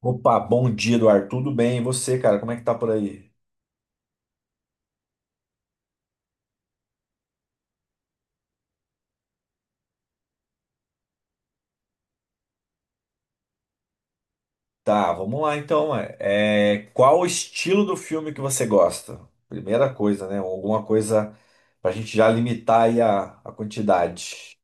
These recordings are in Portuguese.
Opa, bom dia, Eduardo. Tudo bem? E você, cara? Como é que tá por aí? Tá, vamos lá então. Qual o estilo do filme que você gosta? Primeira coisa, né? Alguma coisa pra gente já limitar aí a quantidade.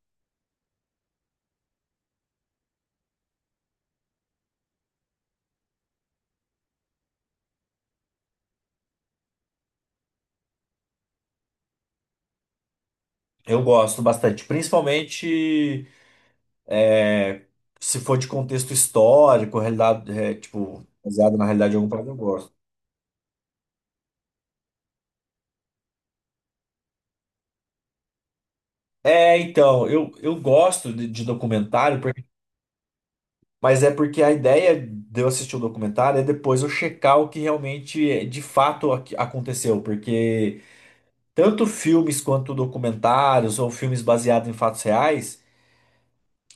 Eu gosto bastante, principalmente é, se for de contexto histórico, realidade, tipo, baseado na realidade de algum país, eu gosto. É, então, eu gosto de documentário, porque mas é porque a ideia de eu assistir o documentário é depois eu checar o que realmente, é, de fato, aconteceu. Porque tanto filmes quanto documentários ou filmes baseados em fatos reais,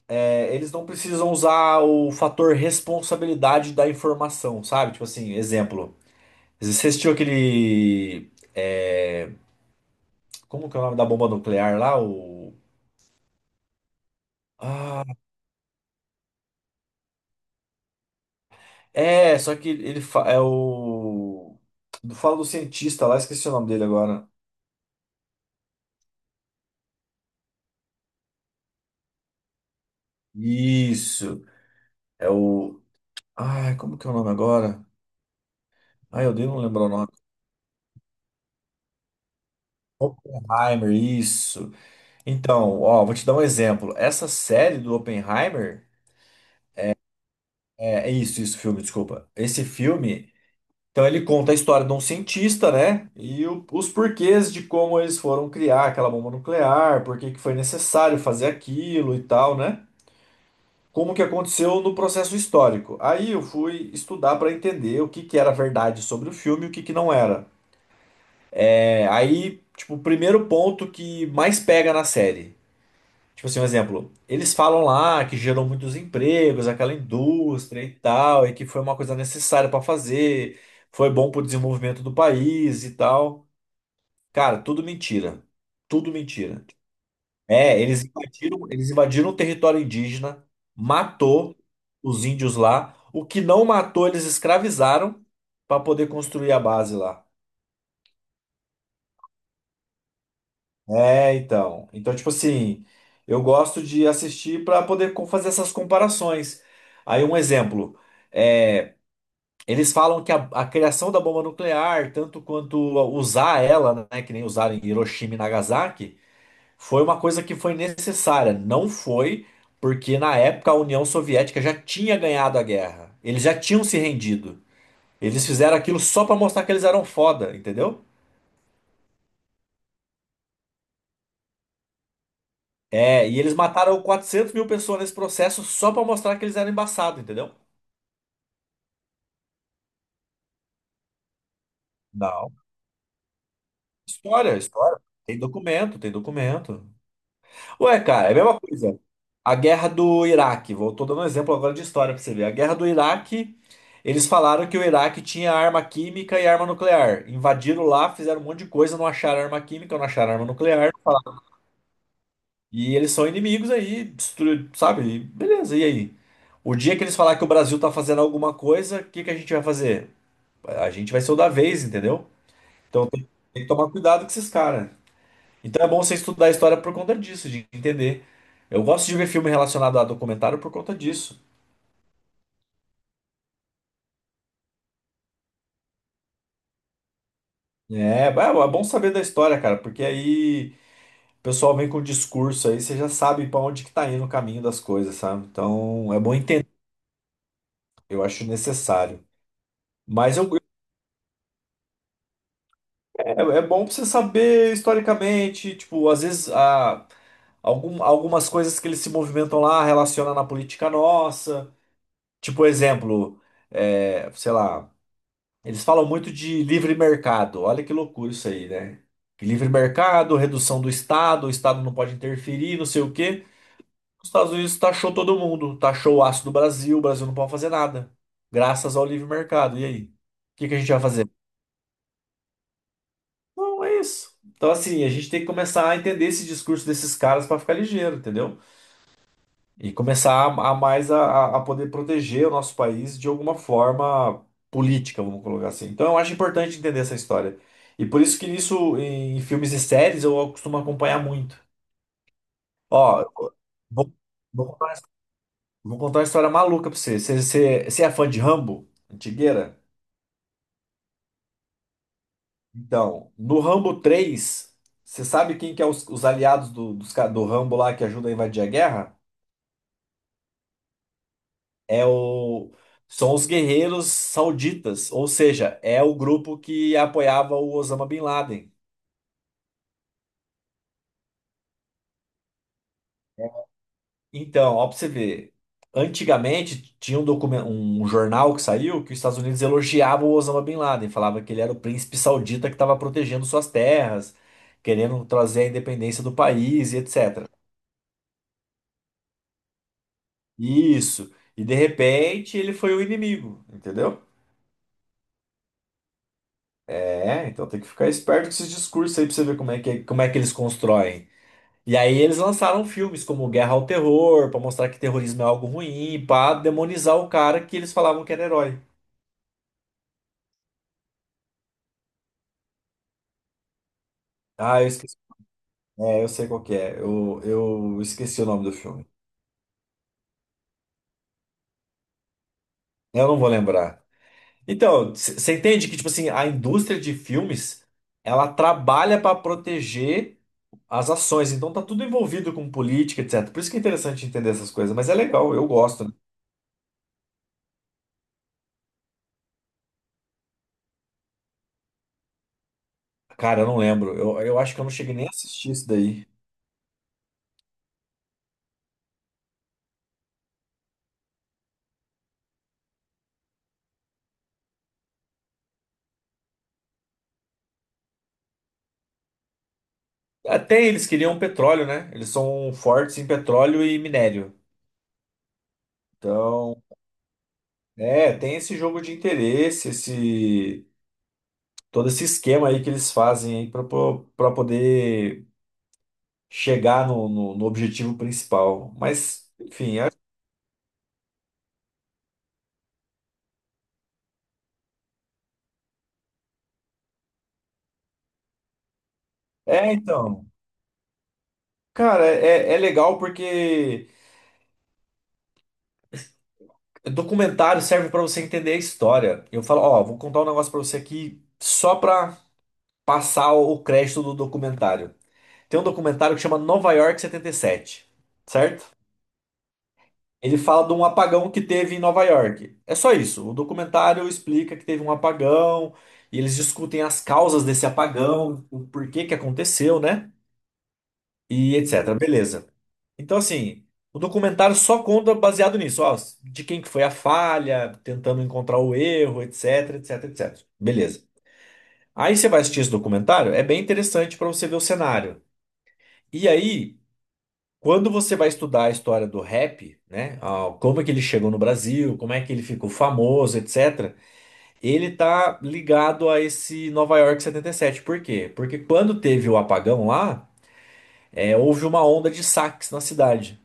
é, eles não precisam usar o fator responsabilidade da informação, sabe? Tipo assim, exemplo. Você assistiu aquele. É, como que é o nome da bomba nuclear lá? O. Ah, é, só que é o. Fala do cientista lá, esqueci o nome dele agora. Isso. É o. Ai, como que é o nome agora? Ai, eu odeio não lembrar o nome. Oppenheimer, isso. Então, ó, vou te dar um exemplo. Essa série do Oppenheimer. É, é isso, filme, desculpa. Esse filme. Então, ele conta a história de um cientista, né? E os porquês de como eles foram criar aquela bomba nuclear, por que que foi necessário fazer aquilo e tal, né? Como que aconteceu no processo histórico. Aí eu fui estudar para entender o que que era verdade sobre o filme e o que que não era. É, aí, tipo, o primeiro ponto que mais pega na série. Tipo assim, um exemplo. Eles falam lá que gerou muitos empregos, aquela indústria e tal, e que foi uma coisa necessária pra fazer, foi bom pro desenvolvimento do país e tal. Cara, tudo mentira. Tudo mentira. É, eles invadiram o território indígena, matou os índios lá. O que não matou, eles escravizaram pra poder construir a base lá. É, então. Então, tipo assim, eu gosto de assistir para poder fazer essas comparações. Aí, um exemplo. É, eles falam que a criação da bomba nuclear, tanto quanto usar ela, né, que nem usaram em Hiroshima e Nagasaki, foi uma coisa que foi necessária. Não foi porque, na época, a União Soviética já tinha ganhado a guerra. Eles já tinham se rendido. Eles fizeram aquilo só para mostrar que eles eram foda, entendeu? É, e eles mataram 400 mil pessoas nesse processo só pra mostrar que eles eram embaçados, entendeu? Não. História, história. Tem documento, tem documento. Ué, cara, é a mesma coisa. A guerra do Iraque, vou tô dando um exemplo agora de história pra você ver. A guerra do Iraque, eles falaram que o Iraque tinha arma química e arma nuclear. Invadiram lá, fizeram um monte de coisa, não acharam arma química, não acharam arma nuclear. E eles são inimigos aí, sabe? E beleza, e aí? O dia que eles falar que o Brasil tá fazendo alguma coisa, o que que a gente vai fazer? A gente vai ser o da vez, entendeu? Então tem que tomar cuidado com esses caras. Então é bom você estudar a história por conta disso, de entender. Eu gosto de ver filme relacionado a documentário por conta disso. É bom saber da história, cara, porque aí o pessoal vem com o discurso aí, você já sabe pra onde que tá indo o caminho das coisas, sabe? Então é bom entender, eu acho necessário. Mas eu- é, é bom pra você saber historicamente, tipo, às vezes algumas coisas que eles se movimentam lá relaciona na política nossa. Tipo, exemplo, é, sei lá, eles falam muito de livre mercado. Olha que loucura isso aí, né? Que livre mercado, redução do Estado, o Estado não pode interferir, não sei o quê. Os Estados Unidos taxou todo mundo, taxou o aço do Brasil, o Brasil não pode fazer nada, graças ao livre mercado. E aí? O que que a gente vai fazer? Não, é isso. Então, assim, a gente tem que começar a entender esse discurso desses caras para ficar ligeiro, entendeu? E começar a poder proteger o nosso país de alguma forma política, vamos colocar assim. Então eu acho importante entender essa história. E por isso que filmes e séries eu costumo acompanhar muito. Ó, vou, vou contar vou contar uma história maluca pra você. Você é fã de Rambo? Antigueira? Então, no Rambo 3 você sabe quem que é os aliados do Rambo lá que ajudam a invadir a guerra? É o São os guerreiros sauditas, ou seja, é o grupo que apoiava o Osama Bin Laden. Então, ó, pra você ver, antigamente tinha um documento, um jornal que saiu que os Estados Unidos elogiava o Osama Bin Laden, falava que ele era o príncipe saudita que estava protegendo suas terras, querendo trazer a independência do país e etc. Isso. E de repente ele foi o inimigo, entendeu? É, então tem que ficar esperto com esses discursos aí pra você ver como é que, é, como é que eles constroem. E aí eles lançaram filmes como Guerra ao Terror, pra mostrar que terrorismo é algo ruim, pra demonizar o cara que eles falavam que era herói. Ah, eu esqueci. É, eu sei qual que é. Eu esqueci o nome do filme. Eu não vou lembrar. Então, você entende que, tipo assim, a indústria de filmes, ela trabalha pra proteger as ações. Então tá tudo envolvido com política, etc. Por isso que é interessante entender essas coisas. Mas é legal, eu gosto. Né? Cara, eu não lembro. Eu acho que eu não cheguei nem a assistir isso daí. Até eles queriam petróleo, né? Eles são fortes em petróleo e minério. Então, é, tem esse jogo de interesse, esse todo esse esquema aí que eles fazem aí para poder chegar no objetivo principal. Mas, enfim, é, é, então. Cara, é legal porque documentário serve para você entender a história. Eu falo, ó, vou contar um negócio para você aqui só para passar o crédito do documentário. Tem um documentário que chama Nova York 77, certo? Ele fala de um apagão que teve em Nova York. É só isso. O documentário explica que teve um apagão e eles discutem as causas desse apagão, o porquê que aconteceu, né? E etc. Beleza. Então, assim, o documentário só conta baseado nisso, ó, de quem que foi a falha, tentando encontrar o erro, etc, etc, etc. Beleza. Aí você vai assistir esse documentário, é bem interessante para você ver o cenário. E aí quando você vai estudar a história do rap, né, ah, como é que ele chegou no Brasil, como é que ele ficou famoso, etc., ele tá ligado a esse Nova York 77. Por quê? Porque quando teve o apagão lá, é, houve uma onda de saques na cidade,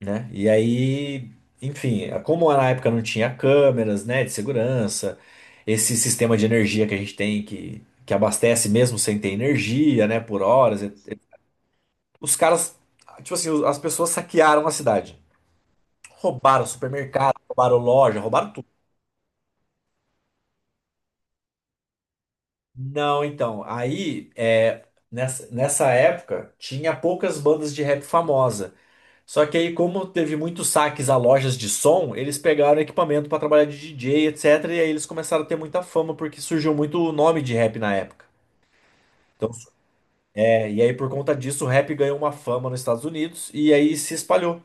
né? E aí, enfim, é, como na época não tinha câmeras, né, de segurança, esse sistema de energia que a gente tem que abastece mesmo sem ter energia, né, por horas, os caras, tipo assim, as pessoas saquearam a cidade. Roubaram supermercado, roubaram loja, roubaram tudo. Não, então, aí é, nessa época tinha poucas bandas de rap famosa. Só que aí, como teve muitos saques a lojas de som, eles pegaram equipamento para trabalhar de DJ, etc. E aí eles começaram a ter muita fama, porque surgiu muito nome de rap na época. Então, é, e aí, por conta disso, o rap ganhou uma fama nos Estados Unidos e aí se espalhou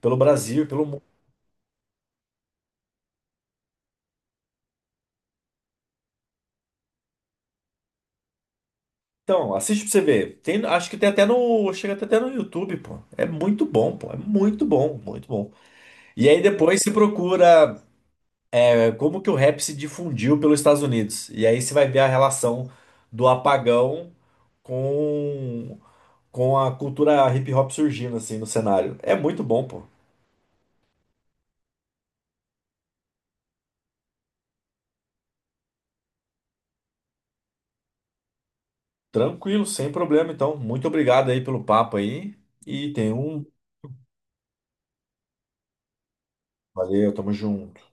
pelo Brasil, e pelo mundo. Então, assiste pra você ver. Tem, acho que tem até no. Chega até no YouTube, pô. É muito bom, pô. É muito bom, muito bom. E aí depois se procura é, como que o rap se difundiu pelos Estados Unidos. E aí você vai ver a relação do apagão com, com a cultura hip hop surgindo, assim, no cenário. É muito bom, pô. Tranquilo, sem problema, então. Muito obrigado aí pelo papo aí. E tem um. Valeu, tamo junto.